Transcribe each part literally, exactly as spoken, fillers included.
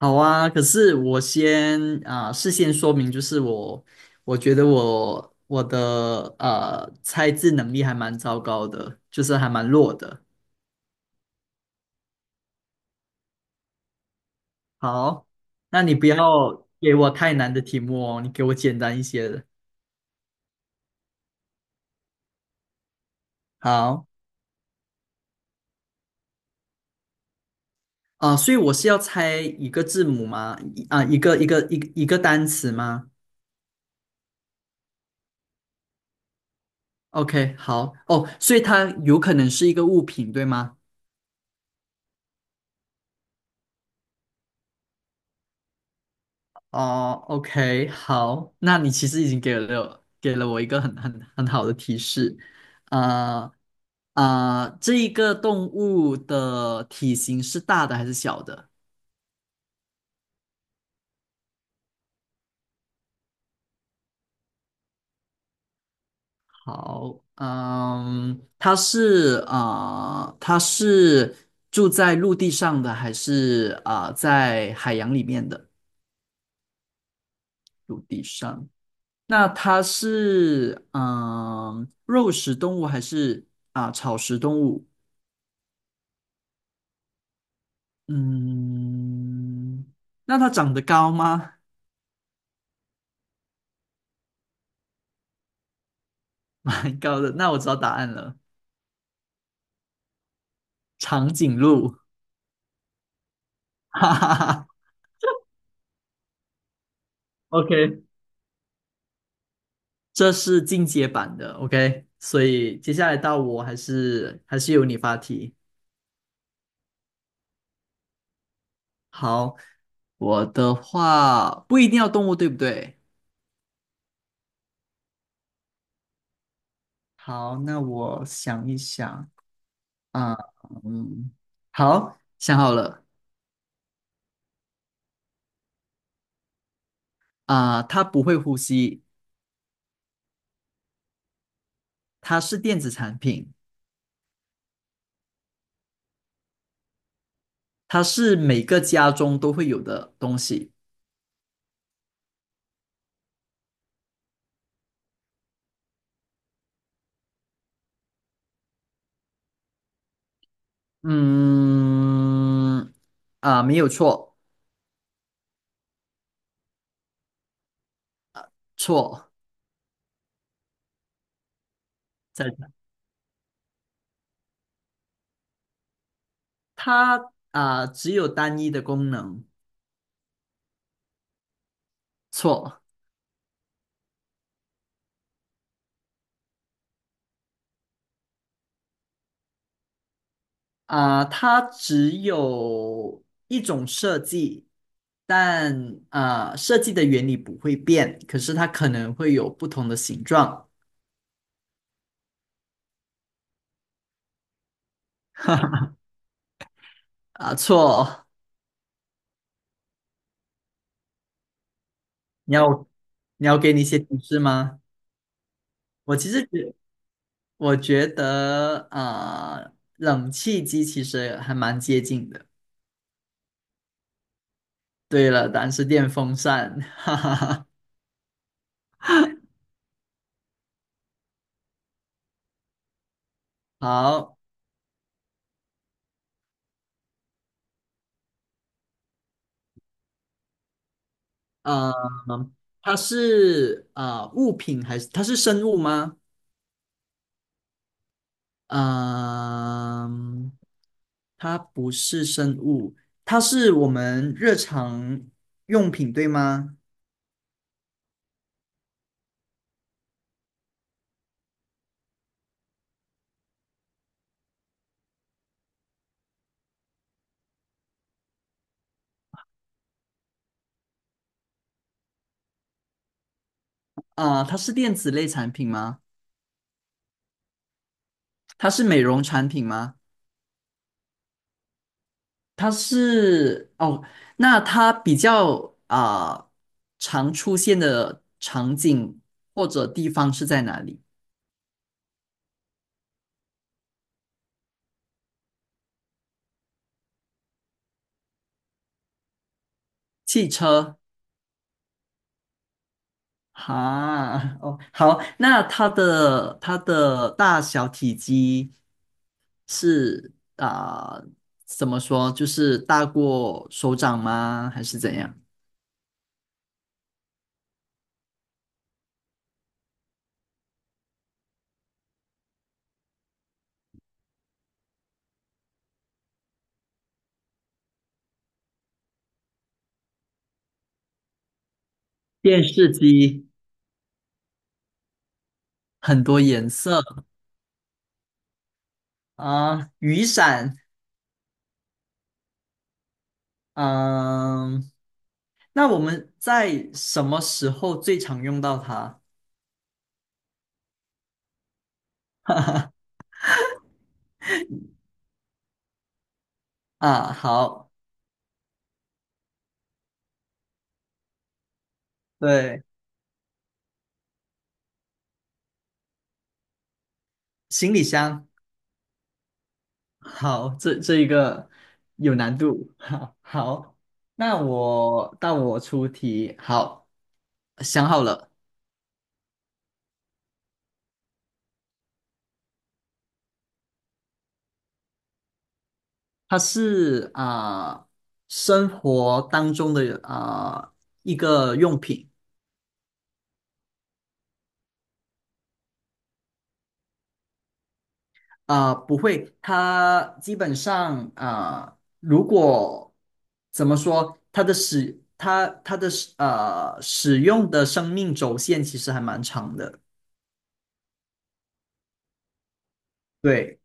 好啊，可是我先啊、事先说明，就是我我觉得我我的呃猜字能力还蛮糟糕的，就是还蛮弱的。好，那你不要给我太难的题目哦，你给我简单一些的。好啊、所以我是要猜一个字母吗？一啊、一个一个一个一个单词吗？OK，好哦，所以它有可能是一个物品，对吗？哦，OK，好，那你其实已经给了给了我一个很很很好的提示。呃呃，这一个动物的体型是大的还是小的？好，嗯，它是呃，它是住在陆地上的还是呃在海洋里面的？陆地上，那它是嗯、呃肉食动物还是啊、草食动物？嗯，那它长得高吗？蛮高的，那我知道答案了，长颈鹿。哈哈哈。OK，这是进阶版的。OK，所以接下来到我还是还是由你发题。好，我的话不一定要动物，对不对？好，那我想一想啊。嗯，好，想好了。啊，它不会呼吸。它是电子产品。它是每个家中都会有的东西。嗯，啊，没有错。错，再讲。它啊只有单一的功能。错啊，它只有一种设计，但啊设计的原理不会变，可是它可能会有不同的形状啊。错，你要你要给你一些提示吗？我其实觉我觉得啊，呃冷气机其实还蛮接近的。对了，答案是电风扇。好，呃，它是啊呃物品还是它是生物吗？嗯、它不是生物，它是我们日常用品，对吗？啊、它是电子类产品吗？它是美容产品吗？它是哦，那它比较啊、常出现的场景或者地方是在哪里？汽车哈。哦，好，那它的它的大小体积是啊、怎么说？就是大过手掌吗？还是怎样？电视机。很多颜色。啊、雨伞。嗯、那我们在什么时候最常用到它？啊，好，对，行李箱。好，这这一个有难度。好，好，那我到我出题，好，想好了。它是啊、生活当中的啊、一个用品。啊，不会，它基本上啊、呃如果怎么说，它的使它它的使呃使用的生命轴线其实还蛮长的。对，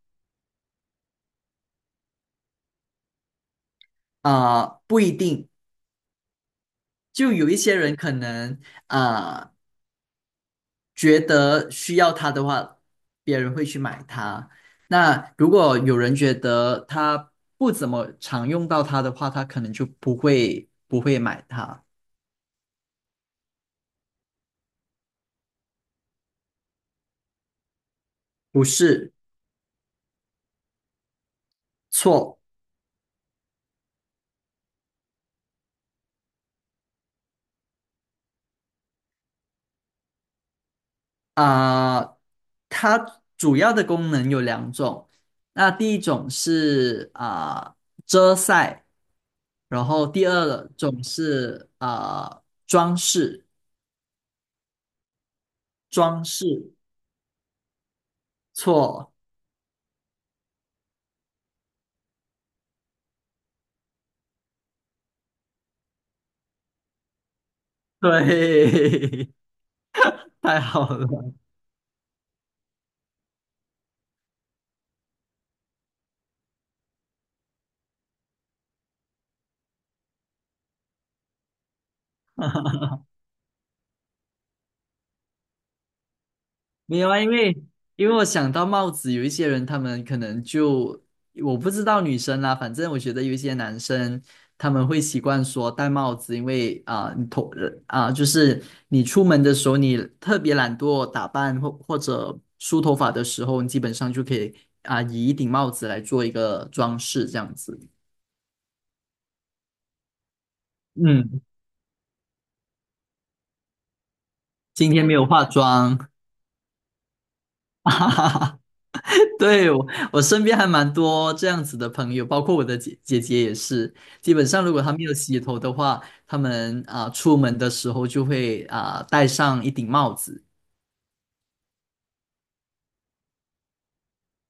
啊、呃不一定，就有一些人可能啊、呃觉得需要它的话，别人会去买它。那如果有人觉得他不怎么常用到它的话，他可能就不会不会买它。不是。错。啊、它主要的功能有两种。那第一种是啊、遮晒，然后第二种是啊、装饰。装饰。错。对，太好了。没有啊，因为因为我想到帽子。有一些人他们可能就我不知道女生啦，反正我觉得有一些男生他们会习惯说戴帽子，因为啊、你头啊、就是你出门的时候，你特别懒惰打扮或或者梳头发的时候，你基本上就可以啊、以一顶帽子来做一个装饰这样子。嗯，今天没有化妆。哈哈哈。对，我我身边还蛮多这样子的朋友，包括我的姐姐姐也是。基本上，如果她没有洗头的话，他们啊、出门的时候就会啊、戴上一顶帽子。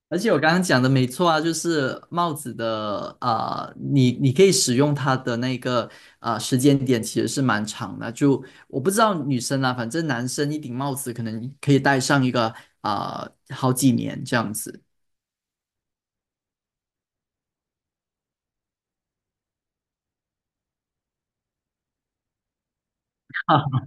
而且我刚刚讲的没错啊，就是帽子的啊、你你可以使用它的那个啊、时间点其实是蛮长的。就我不知道女生啦，反正男生一顶帽子可能可以戴上一个啊、好几年这样子。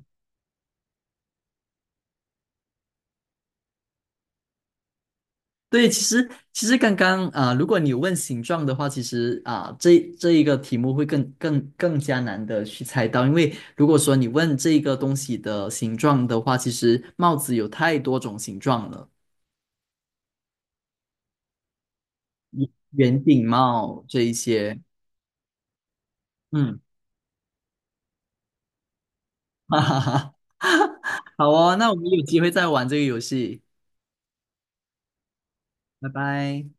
对，其实其实刚刚啊、如果你问形状的话，其实啊、这这一个题目会更更更加难的去猜到，因为如果说你问这个东西的形状的话，其实帽子有太多种形状了。圆顶帽这一些。嗯。哈哈哈。好哦，那我们有机会再玩这个游戏。拜拜。